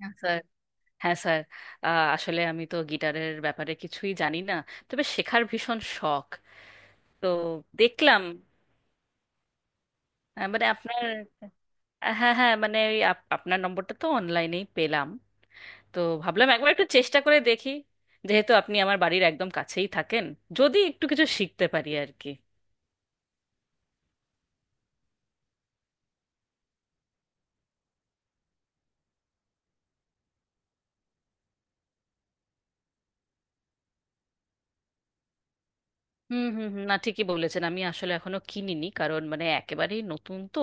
হ্যাঁ স্যার। হ্যাঁ স্যার। আসলে আমি তো গিটারের ব্যাপারে কিছুই জানি না, তবে শেখার ভীষণ শখ। তো দেখলাম মানে আপনার, হ্যাঁ হ্যাঁ, মানে ওই আপনার নম্বরটা তো অনলাইনেই পেলাম। তো ভাবলাম একবার একটু চেষ্টা করে দেখি, যেহেতু আপনি আমার বাড়ির একদম কাছেই থাকেন, যদি একটু কিছু শিখতে পারি আর কি। হুম হুম হুম, না ঠিকই বলেছেন, আমি আসলে এখনো কিনিনি, কারণ মানে একেবারেই নতুন তো।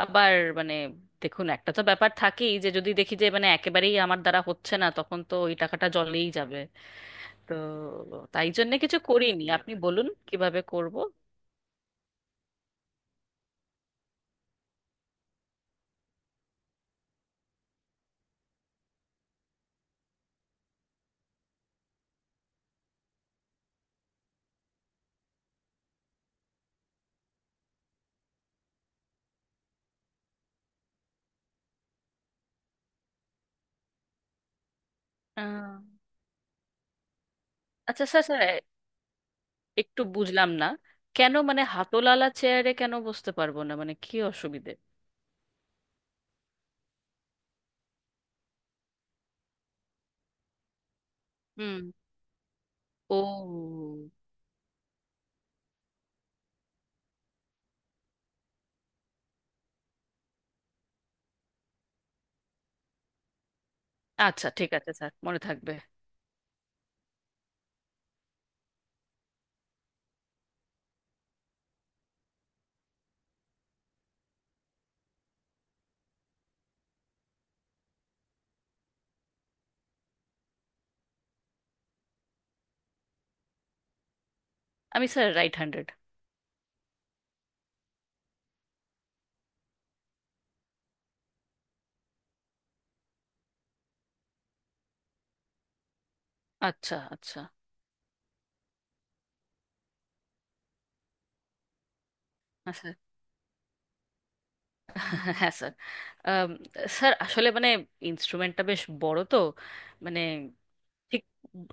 আবার মানে, দেখুন একটা তো ব্যাপার থাকেই, যে যদি দেখি যে মানে একেবারেই আমার দ্বারা হচ্ছে না, তখন তো ওই টাকাটা জলেই যাবে। তো তাই জন্য কিছু করিনি, আপনি বলুন কিভাবে করব। আহ, আচ্ছা স্যার, স্যার একটু বুঝলাম না, কেন মানে হাতলালা চেয়ারে কেন বসতে পারবো না, মানে কি অসুবিধে? হুম। ও আচ্ছা, ঠিক আছে স্যার, মনে থাকবে। আমি স্যার রাইট হ্যান্ডেড। আচ্ছা আচ্ছা আচ্ছা। হ্যাঁ স্যার। আম, স্যার আসলে মানে ইনস্ট্রুমেন্টটা বেশ বড় তো, মানে ঠিক,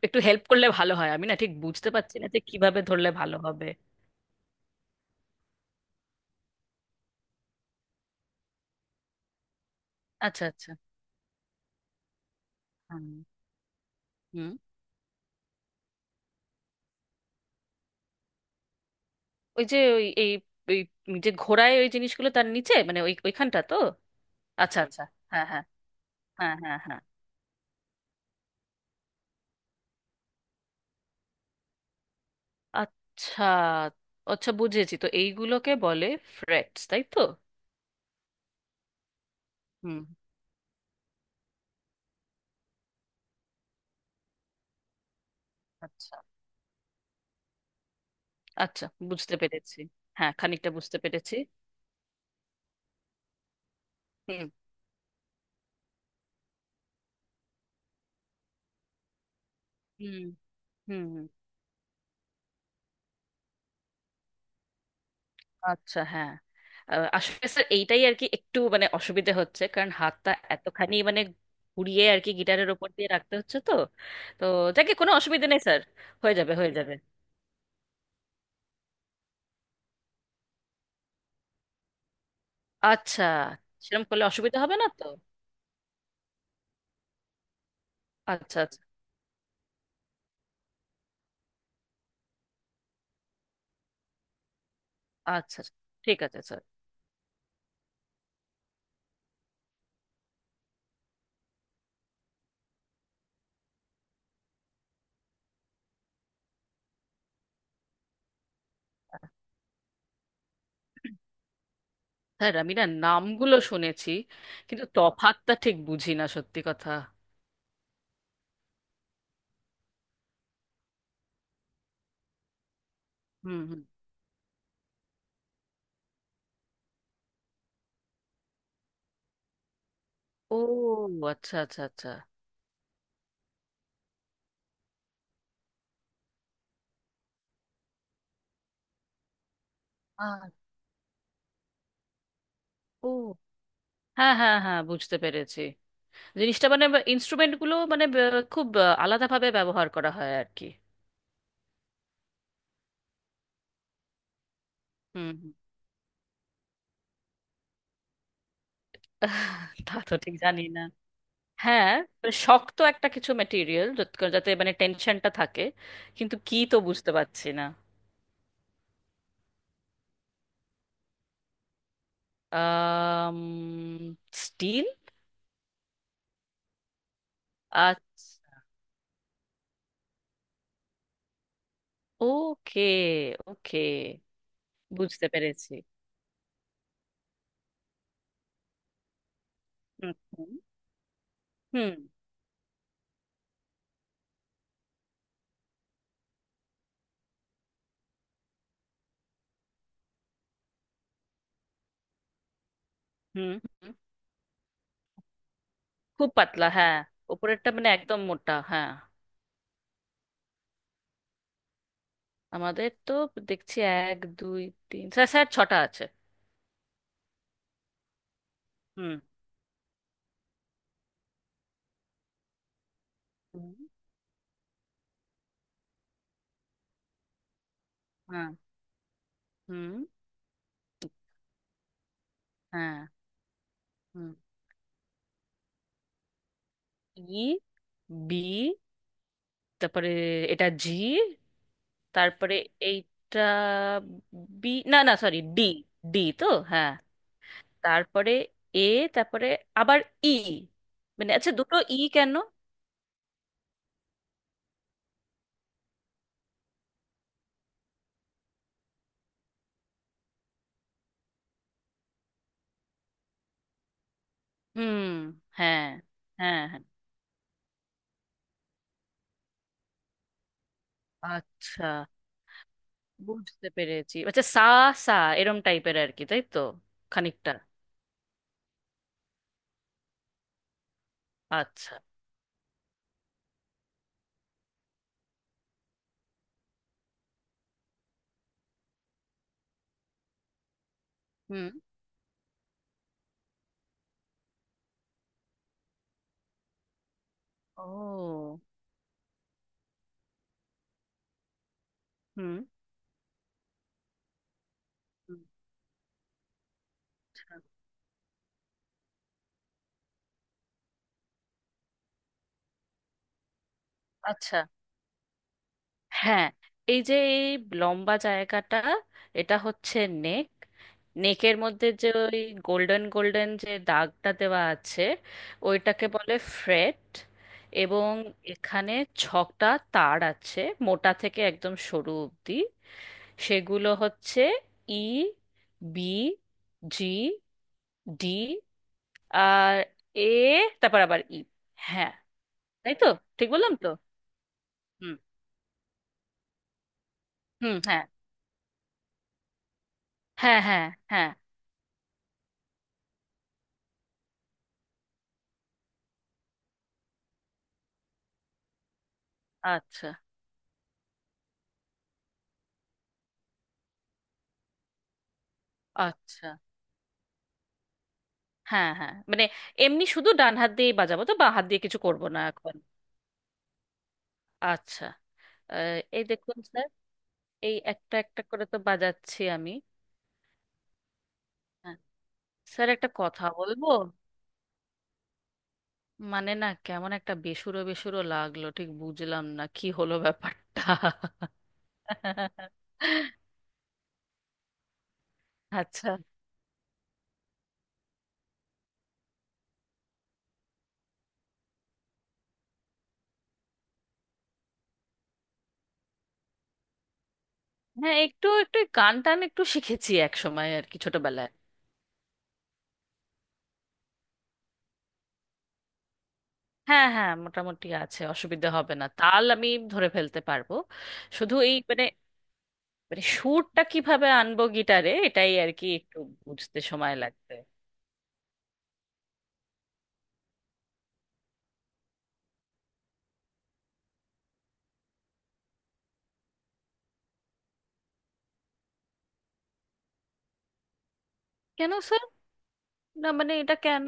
একটু হেল্প করলে ভালো হয়, আমি না ঠিক বুঝতে পারছি না যে কিভাবে ধরলে ভালো হবে। আচ্ছা আচ্ছা। হুম হুম। ওই যে ওই এই ওই যে ঘোড়ায় ওই জিনিসগুলো, তার নিচে মানে ওই ওইখানটা তো। আচ্ছা আচ্ছা। হ্যাঁ হ্যাঁ। হ্যাঁ হ্যাঁ হ্যাঁ। আচ্ছা আচ্ছা, বুঝেছি, তো এইগুলোকে বলে ফ্রেটস, তাই তো? হুম। আচ্ছা আচ্ছা, বুঝতে পেরেছি। হ্যাঁ খানিকটা বুঝতে পেরেছি। হুম হুম হুম হুম। আচ্ছা হ্যাঁ। আসলে স্যার এইটাই আর কি, একটু মানে অসুবিধে হচ্ছে, কারণ হাতটা এতখানি মানে ঘুরিয়ে আর কি গিটারের ওপর দিয়ে রাখতে হচ্ছে তো। তো যাকে কোনো অসুবিধে নেই স্যার, হয়ে যাবে হয়ে যাবে। আচ্ছা। সেরকম করলে অসুবিধা হবে না তো? আচ্ছা আচ্ছা আচ্ছা। ঠিক আছে স্যার। স্যার আমি না নামগুলো শুনেছি, কিন্তু তফাতটা ঠিক বুঝি না সত্যি কথা। হুম হুম। ও আচ্ছা আচ্ছা আচ্ছা। আর? ও হ্যাঁ হ্যাঁ হ্যাঁ, বুঝতে পেরেছি, জিনিসটা মানে ইনস্ট্রুমেন্টগুলো মানে খুব আলাদাভাবে ব্যবহার করা হয় আর কি। হুম হুম। তা তো ঠিক জানি না। হ্যাঁ, মানে শক্ত একটা কিছু মেটেরিয়াল, যাতে মানে টেনশনটা থাকে, কিন্তু কি তো বুঝতে পারছি না। আম স্টিল। আচ্ছা। ওকে, ওকে, বুঝতে পেরেছি। হুম হুম হুম হুম, হুম। খুব পাতলা, হ্যাঁ। ওপরেরটা মানে একদম মোটা, হ্যাঁ। আমাদের তো, দেখছি, এক দুই তিন, স্যার স্যার ছটা আছে। হুম হুম। হ্যাঁ। হুম। হ্যাঁ। হুম। ই। বি। তারপরে এটা জি। তারপরে এইটা বি, না না, সরি, ডি। ডি তো? হ্যাঁ। তারপরে এ। তারপরে আবার ই। মানে আচ্ছা, দুটো ই কেন? হুম। হ্যাঁ হ্যাঁ হ্যাঁ। আচ্ছা, বুঝতে পেরেছি। আচ্ছা সা। সা এরম টাইপের আর কি, তাই তো? খানিকটা। আচ্ছা। হুম। ও। হুম। আচ্ছা হ্যাঁ। এই যে এই লম্বা জায়গাটা, এটা হচ্ছে নেক। নেকের মধ্যে যে ওই গোল্ডেন গোল্ডেন যে দাগটা দেওয়া আছে, ওইটাকে বলে ফ্রেট। এবং এখানে ছটা তার আছে, মোটা থেকে একদম সরু অবধি। সেগুলো হচ্ছে ই, বি, জি, ডি, আর এ। তারপর আবার ই। হ্যাঁ, তাই তো। ঠিক বললাম তো? হুম হুম। হ্যাঁ হ্যাঁ হ্যাঁ হ্যাঁ। আচ্ছা আচ্ছা। হ্যাঁ হ্যাঁ, মানে এমনি শুধু ডান হাত দিয়েই বাজাবো তো, বাঁ হাত দিয়ে কিছু করব না এখন? আচ্ছা। এই দেখুন স্যার, এই একটা একটা করে তো বাজাচ্ছি আমি। হ্যাঁ। স্যার একটা কথা বলবো, মানে, না, কেমন একটা বেসুরো বেসুরো লাগলো, ঠিক বুঝলাম না কি হলো ব্যাপারটা। আচ্ছা। হ্যাঁ একটু একটু গান টান একটু শিখেছি এক সময় আর কি, ছোটবেলায়। হ্যাঁ হ্যাঁ মোটামুটি আছে, অসুবিধা হবে না, তাল আমি ধরে ফেলতে পারবো। শুধু এই মানে মানে সুরটা কিভাবে আনবো গিটারে, এটাই আর কি, একটু বুঝতে সময় লাগবে। কেন স্যার? না মানে এটা কেন?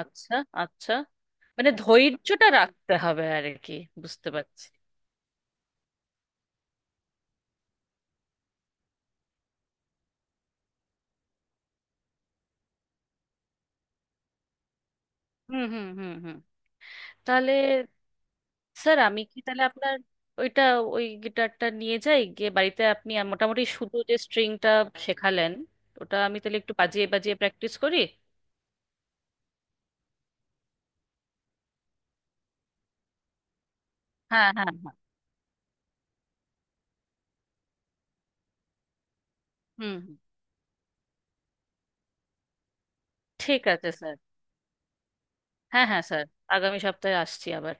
আচ্ছা আচ্ছা। মানে ধৈর্যটা রাখতে হবে আর কি। বুঝতে পারছি। হুম হুম হুম হুম। তাহলে স্যার আমি কি তাহলে আপনার ওইটা, ওই গিটারটা নিয়ে যাই গিয়ে বাড়িতে? আপনি মোটামুটি শুধু যে স্ট্রিংটা শেখালেন, ওটা আমি তাহলে একটু বাজিয়ে বাজিয়ে প্র্যাকটিস করি। হ্যাঁ হ্যাঁ হ্যাঁ। হুম হুম। ঠিক আছে স্যার। হ্যাঁ হ্যাঁ স্যার। আগামী সপ্তাহে আসছি আবার।